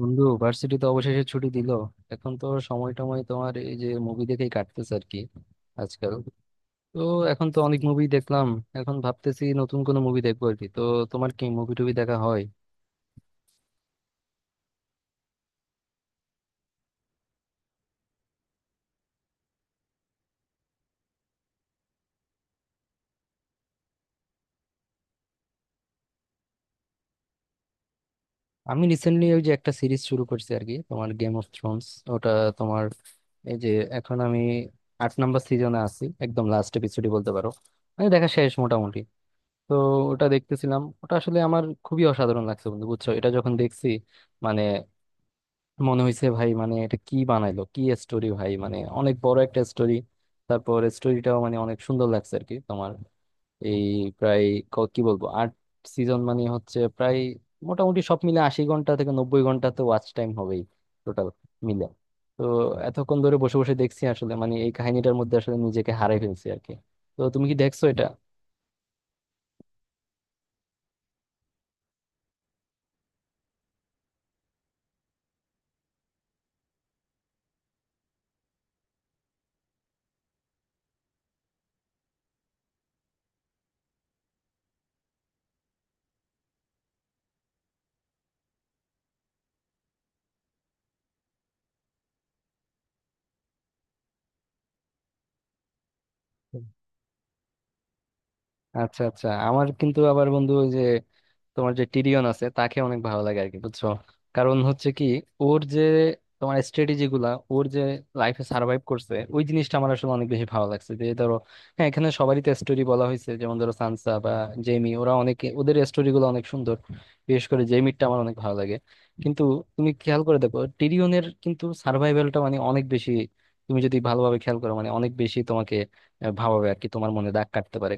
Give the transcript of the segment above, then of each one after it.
বন্ধু, ভার্সিটি তো অবশেষে ছুটি দিল। এখন তো সময় টময় তোমার এই যে মুভি দেখেই কাটতেছে আর কি আজকাল। তো এখন তো অনেক মুভি দেখলাম। এখন ভাবতেছি নতুন কোনো মুভি দেখবো আর কি। তো তোমার কি মুভি টুভি দেখা হয়? আমি রিসেন্টলি ওই যে একটা সিরিজ শুরু করছি আর কি, তোমার গেম অফ থ্রোনস। ওটা তোমার এই যে এখন আমি 8 নাম্বার সিজনে আছি, একদম লাস্ট এপিসোডই বলতে পারো, মানে দেখা শেষ মোটামুটি। তো ওটা দেখতেছিলাম। ওটা আসলে আমার খুবই অসাধারণ লাগছে বন্ধু, বুঝছো? এটা যখন দেখছি, মানে মনে হয়েছে ভাই, মানে এটা কি বানাইলো, কি স্টোরি ভাই, মানে অনেক বড় একটা স্টোরি। তারপর স্টোরিটাও মানে অনেক সুন্দর লাগছে আর কি তোমার। এই প্রায় কি বলবো, 8 সিজন মানে হচ্ছে প্রায় মোটামুটি সব মিলে 80 ঘন্টা থেকে 90 ঘন্টা তো ওয়াচ টাইম হবেই টোটাল মিলে। তো এতক্ষণ ধরে বসে বসে দেখছি আসলে, মানে এই কাহিনীটার মধ্যে আসলে নিজেকে হারাই ফেলছি আর কি। তো তুমি কি দেখছো এটা? আচ্ছা আচ্ছা, আমার কিন্তু আবার বন্ধু ওই যে তোমার যে টিরিয়ন আছে তাকে অনেক ভালো লাগে আর কি, বুঝছো? কারণ হচ্ছে কি, ওর যে তোমার স্ট্র্যাটেজি গুলা, ওর যে লাইফে সার্ভাইভ করছে, ওই জিনিসটা আমার আসলে অনেক বেশি ভালো লাগছে। যে ধরো হ্যাঁ, এখানে সবারই তো স্টোরি বলা হয়েছে, যেমন ধরো সানসা বা জেমি, ওরা অনেকে, ওদের স্টোরি গুলো অনেক সুন্দর। বিশেষ করে জেমিরটা আমার অনেক ভালো লাগে। কিন্তু তুমি খেয়াল করে দেখো, টিরিয়নের কিন্তু সার্ভাইভালটা মানে অনেক বেশি। তুমি যদি ভালোভাবে খেয়াল করো মানে অনেক বেশি তোমাকে ভাবাবে আর কি, তোমার মনে দাগ কাটতে পারে।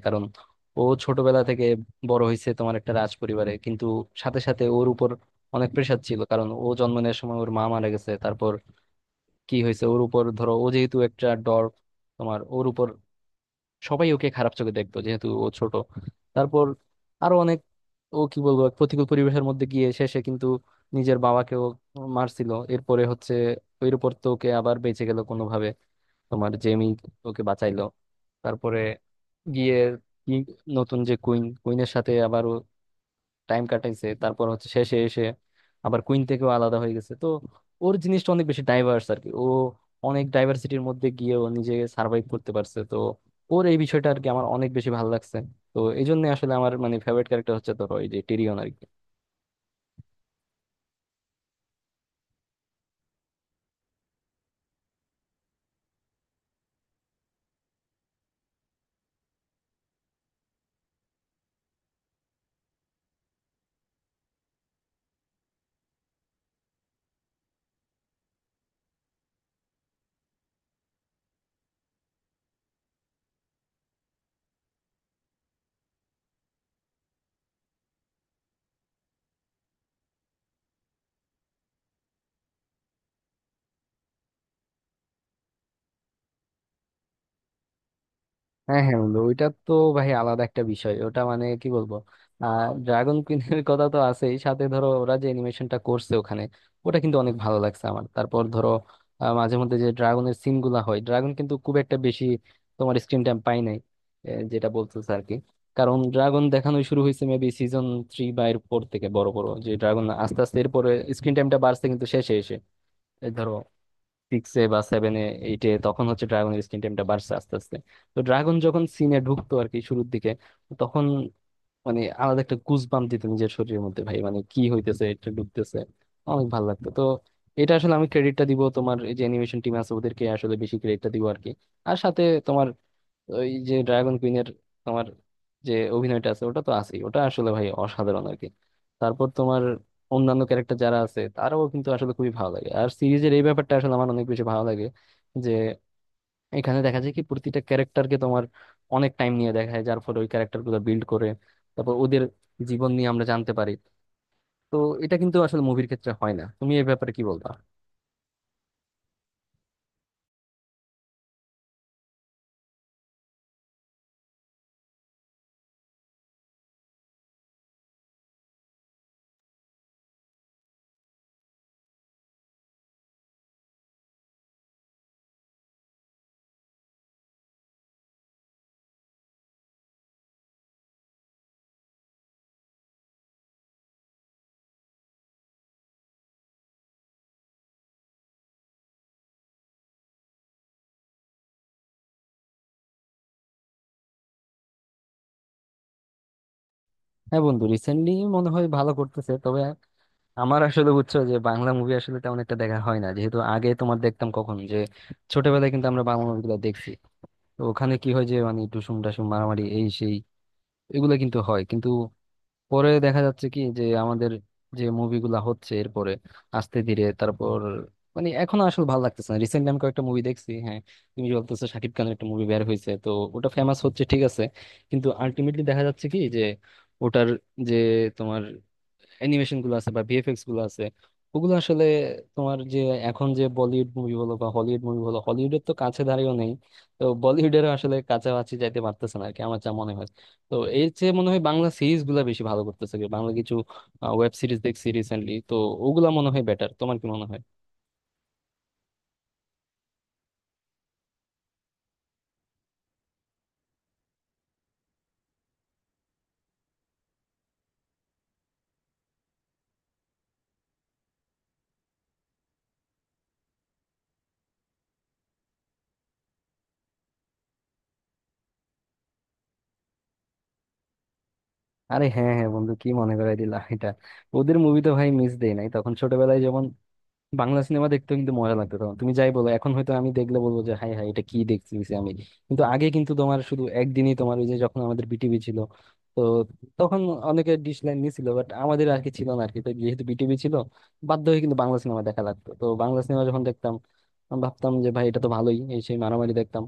ও ছোটবেলা থেকে বড় হয়েছে তোমার একটা রাজ পরিবারে, কিন্তু সাথে সাথে ওর উপর অনেক প্রেশার ছিল, কারণ ও জন্ম নেওয়ার সময় ওর মা মারা গেছে। তারপর কি হয়েছে ওর উপর, ধরো ও যেহেতু একটা ডর, তোমার ওর উপর সবাই ওকে খারাপ চোখে দেখতো যেহেতু ও ছোট। তারপর আরো অনেক, ও কি বলবো, এক প্রতিকূল পরিবেশের মধ্যে গিয়ে শেষে কিন্তু নিজের বাবাকেও মারছিল। এরপরে হচ্ছে ওর উপর, তো ওকে আবার বেঁচে গেল কোনোভাবে, তোমার জেমি ওকে বাঁচাইলো। তারপরে গিয়ে কি, নতুন যে কুইন, কুইনের সাথে আবারও টাইম কাটাইছে, তারপর হচ্ছে শেষে এসে আবার কুইন থেকেও আলাদা হয়ে গেছে। তো ওর জিনিসটা অনেক বেশি ডাইভার্স আর কি। ও অনেক ডাইভার্সিটির মধ্যে গিয়ে ও নিজে সার্ভাইভ করতে পারছে। তো ওর এই বিষয়টা আর কি আমার অনেক বেশি ভালো লাগছে। তো এই জন্য আসলে আমার মানে ফেভারিট ক্যারেক্টার হচ্ছে ধরো এই যে টিরিয়ন আর কি। হ্যাঁ হ্যাঁ বন্ধু, ওইটা তো ভাই আলাদা একটা বিষয়। ওটা মানে কি বলবো, ড্রাগন কুইনের কথা তো আছেই, সাথে ধরো ওরা যে অ্যানিমেশনটা করছে ওখানে, ওটা কিন্তু অনেক ভালো লাগছে আমার। তারপর ধরো মাঝে মধ্যে যে ড্রাগনের সিন গুলা হয়, ড্রাগন কিন্তু খুব একটা বেশি তোমার স্ক্রিন টাইম পাই নাই, যেটা বলতেছে আর কি। কারণ ড্রাগন দেখানো শুরু হয়েছে মেবি সিজন থ্রি বা এর পর থেকে। বড় বড় যে ড্রাগন, আস্তে আস্তে এরপরে স্ক্রিন টাইমটা বাড়ছে। কিন্তু শেষে এসে এই ধরো সিক্সে বা সেভেনে এইটে তখন হচ্ছে ড্রাগনের স্ক্রিন টাইমটা বাড়ছে আস্তে আস্তে। তো ড্রাগন যখন সিনে ঢুকতো আর কি শুরুর দিকে, তখন মানে আলাদা একটা গুজবাম দিত নিজের শরীরের মধ্যে, ভাই মানে কি হইতেছে, এটা ঢুকতেছে, অনেক ভালো লাগতো। তো এটা আসলে আমি ক্রেডিটটা দিব তোমার এই যে অ্যানিমেশন টিম আছে ওদেরকে, আসলে বেশি ক্রেডিটটা দিব আর কি। আর সাথে তোমার ওই যে ড্রাগন কুইনের তোমার যে অভিনয়টা আছে ওটা তো আছেই, ওটা আসলে ভাই অসাধারণ আর কি। তারপর তোমার অন্যান্য ক্যারেক্টার যারা আছে, তারাও কিন্তু আসলে খুবই ভালো লাগে। আর সিরিজের এই ব্যাপারটা আসলে আমার অনেক বেশি ভালো লাগে, যে এখানে দেখা যায় কি প্রতিটা ক্যারেক্টারকে তোমার অনেক টাইম নিয়ে দেখায়, যার ফলে ওই ক্যারেক্টার গুলো বিল্ড করে। তারপর ওদের জীবন নিয়ে আমরা জানতে পারি। তো এটা কিন্তু আসলে মুভির ক্ষেত্রে হয় না। তুমি এই ব্যাপারে কি বলবা? হ্যাঁ বন্ধু, রিসেন্টলি মনে হয় ভালো করতেছে, তবে আমার আসলে, বুঝছো, যে বাংলা মুভি আসলে তেমন একটা দেখা হয় না। যেহেতু আগে তোমার দেখতাম, কখন যে ছোটবেলায় কিন্তু আমরা বাংলা মুভিগুলো দেখছি। তো ওখানে কি হয় যে, মানে টুসুম টাসুম মারামারি, এই সেই, এগুলো কিন্তু হয়। কিন্তু পরে দেখা যাচ্ছে কি যে আমাদের যে মুভিগুলা হচ্ছে এরপরে আস্তে ধীরে, তারপর মানে এখন আসলে ভালো লাগতেছে না। রিসেন্টলি আমি কয়েকটা মুভি দেখছি, হ্যাঁ। তুমি যে বলতেছো শাকিব খানের একটা মুভি বের হয়েছে, তো ওটা ফেমাস হচ্ছে, ঠিক আছে। কিন্তু আলটিমেটলি দেখা যাচ্ছে কি যে ওটার যে তোমার অ্যানিমেশন গুলো আছে বা ভিএফএক্স গুলো আছে, ওগুলো আসলে তোমার যে এখন যে বলিউড মুভি বলো বা হলিউড মুভি বলো, হলিউডের তো কাছে দাঁড়িয়েও নেই। তো বলিউডেরও আসলে কাছাকাছি যাইতে পারতেছে না আর কি, আমার যা মনে হয়। তো এর চেয়ে মনে হয় বাংলা সিরিজ গুলা বেশি ভালো করতেছে। কি বাংলা কিছু ওয়েব সিরিজ দেখছি রিসেন্টলি, তো ওগুলা মনে হয় বেটার। তোমার কি মনে হয়? আরে হ্যাঁ হ্যাঁ বন্ধু, কি মনে করাই দিলা এটা। ওদের মুভি তো ভাই মিস দেই নাই তখন ছোটবেলায়। বাংলা সিনেমা দেখতেও কিন্তু মজা লাগতো তখন, তুমি যাই বলো। এখন হয়তো আমি দেখলে বলবো যে হাই হাই, এটা কি দেখতেছি আমি। কিন্তু আগে কিন্তু তোমার শুধু একদিনই, তোমার ওই যে যখন আমাদের বিটিভি ছিল, তো তখন অনেকে ডিশ লাইন নিছিল, বাট আমাদের আর কি ছিল না আর কি। তো যেহেতু বিটিভি ছিল, বাধ্য হয়ে কিন্তু বাংলা সিনেমা দেখা লাগতো। তো বাংলা সিনেমা যখন দেখতাম, আমি ভাবতাম যে ভাই এটা তো ভালোই, এই সেই মারামারি দেখতাম।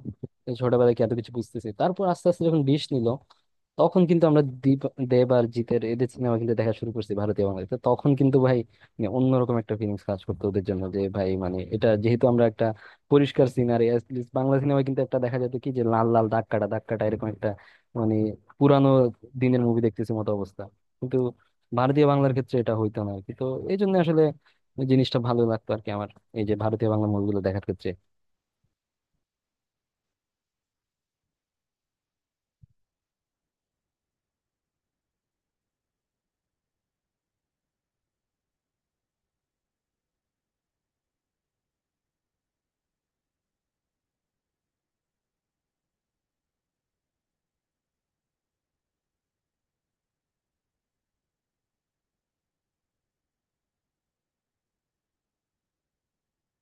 এই ছোটবেলায় কি এত কিছু বুঝতেছি। তারপর আস্তে আস্তে যখন ডিশ নিল, তখন কিন্তু আমরা দীপ, দেব আর জিতের এদের সিনেমা কিন্তু দেখা শুরু করছি ভারতীয় বাংলাদেশে। তখন কিন্তু ভাই মানে অন্যরকম একটা ফিলিংস কাজ করতো ওদের জন্য, যে ভাই মানে এটা যেহেতু আমরা একটা পরিষ্কার সিনারি, বাংলা সিনেমায় কিন্তু একটা দেখা যেত কি যে লাল লাল দাগ কাটা দাগ কাটা এরকম একটা, মানে পুরানো দিনের মুভি দেখতেছি মতো অবস্থা। কিন্তু ভারতীয় বাংলার ক্ষেত্রে এটা হইতো না আর কি। তো এই জন্য আসলে ওই জিনিসটা ভালো লাগতো আর কি আমার, এই যে ভারতীয় বাংলা মুভিগুলো দেখার ক্ষেত্রে।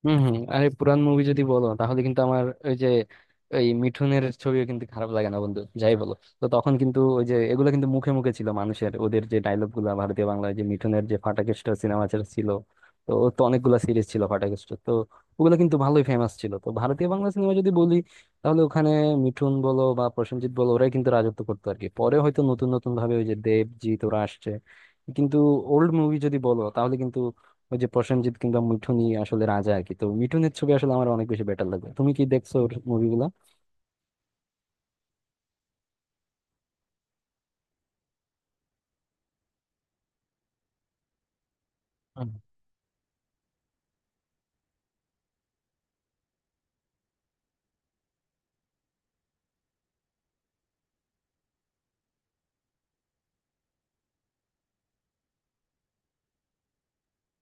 হম হম, আরে পুরান মুভি যদি বলো তাহলে কিন্তু আমার ওই যে এই মিঠুনের ছবিও কিন্তু খারাপ লাগে না বন্ধু, যাই বলো। তো তখন কিন্তু ওই যে এগুলো কিন্তু মুখে মুখে ছিল মানুষের, ওদের যে ডায়লগ গুলা, ভারতীয় বাংলায় যে মিঠুনের যে ফাটাকেস্ট সিনেমা ছিল, তো ওর তো অনেকগুলা সিরিজ ছিল ফাটাকেস্ট। তো ওগুলো কিন্তু ভালোই ফেমাস ছিল। তো ভারতীয় বাংলা সিনেমা যদি বলি, তাহলে ওখানে মিঠুন বলো বা প্রসেনজিৎ বলো, ওরাই কিন্তু রাজত্ব করতো আর কি। পরে হয়তো নতুন নতুন ভাবে ওই যে দেবজিৎ ওরা আসছে। কিন্তু ওল্ড মুভি যদি বলো তাহলে কিন্তু ওই যে প্রসেনজিৎ কিংবা মিঠুনই আসলে রাজা আর কি। তো মিঠুনের ছবি আসলে আমার অনেক বেশি বেটার লাগে। তুমি কি দেখছো ওর মুভিগুলা?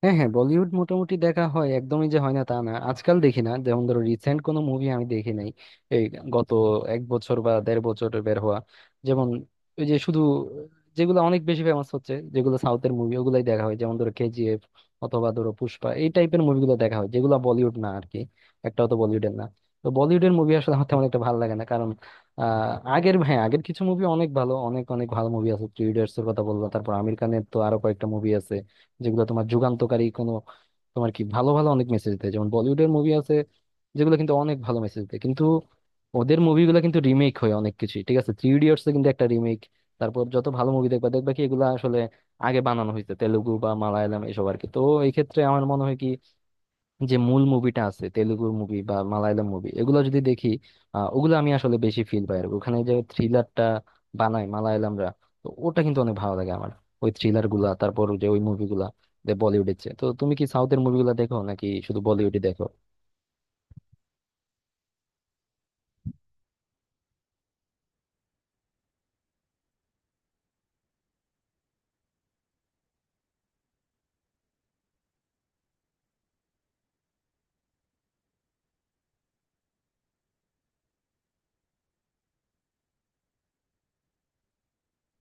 হ্যাঁ হ্যাঁ, বলিউড মোটামুটি দেখা হয়, একদমই যে হয় না তা না। আজকাল দেখি না, যেমন ধরো রিসেন্ট কোনো মুভি আমি দেখি নাই, এই গত 1 বছর বা দেড় বছর বের হওয়া। যেমন ওই যে শুধু যেগুলো অনেক বেশি ফেমাস হচ্ছে, যেগুলো সাউথের মুভি, ওগুলাই দেখা হয়। যেমন ধরো কেজিএফ অথবা ধরো পুষ্পা, এই টাইপের মুভিগুলো দেখা হয়, যেগুলো বলিউড না আর কি, একটাও তো বলিউডের না। তো বলিউডের মুভি আসলে আমার তেমন একটা ভালো লাগে না। কারণ আগের হ্যাঁ, আগের কিছু মুভি অনেক ভালো, অনেক অনেক ভালো মুভি আছে। থ্রি ইডিয়টস এর কথা বললাম, তারপর আমির খানের তো আরো কয়েকটা মুভি আছে, যেগুলো তোমার যুগান্তকারী কোনো তোমার কি ভালো ভালো অনেক মেসেজ দেয়। যেমন বলিউডের মুভি আছে যেগুলো কিন্তু অনেক ভালো মেসেজ দেয়। কিন্তু ওদের মুভিগুলো কিন্তু রিমেক হয় অনেক কিছু, ঠিক আছে, থ্রি ইডিয়টস কিন্তু একটা রিমেক। তারপর যত ভালো মুভি দেখবা দেখবা কি এগুলো আসলে আগে বানানো হয়েছে তেলুগু বা মালায়ালাম এসব আর কি। তো এই ক্ষেত্রে আমার মনে হয় কি, যে মূল মুভিটা আছে তেলুগু মুভি বা মালায়ালাম মুভি, এগুলো যদি দেখি ওগুলো আমি আসলে বেশি ফিল পাই আর কি। ওখানে যে থ্রিলারটা বানায় মালায়ালামরা, তো ওটা কিন্তু অনেক ভালো লাগে আমার, ওই থ্রিলার গুলা। তারপর যে ওই মুভিগুলা বলিউডের চেয়ে, তো তুমি কি সাউথের মুভিগুলা দেখো নাকি শুধু বলিউডই দেখো?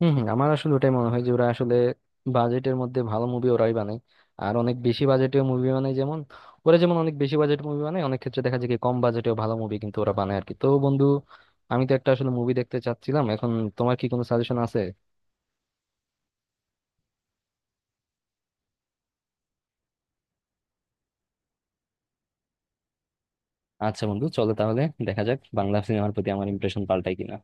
হম হম, আমার আসলে ওটাই মনে হয় যে ওরা আসলে বাজেটের মধ্যে ভালো মুভি ওরাই বানায়। আর অনেক বেশি বাজেটেও মুভি বানায়। যেমন ওরা যেমন অনেক বেশি বাজেট মুভি বানায়, অনেক ক্ষেত্রে দেখা যায় কি কম বাজেটেও ভালো মুভি কিন্তু ওরা বানায় আর কি। তো বন্ধু, আমি তো একটা আসলে মুভি দেখতে চাচ্ছিলাম এখন, তোমার কি কোনো সাজেশন আছে? আচ্ছা বন্ধু, চলো তাহলে। দেখা যাক বাংলা সিনেমার প্রতি আমার ইমপ্রেশন পাল্টায় কিনা।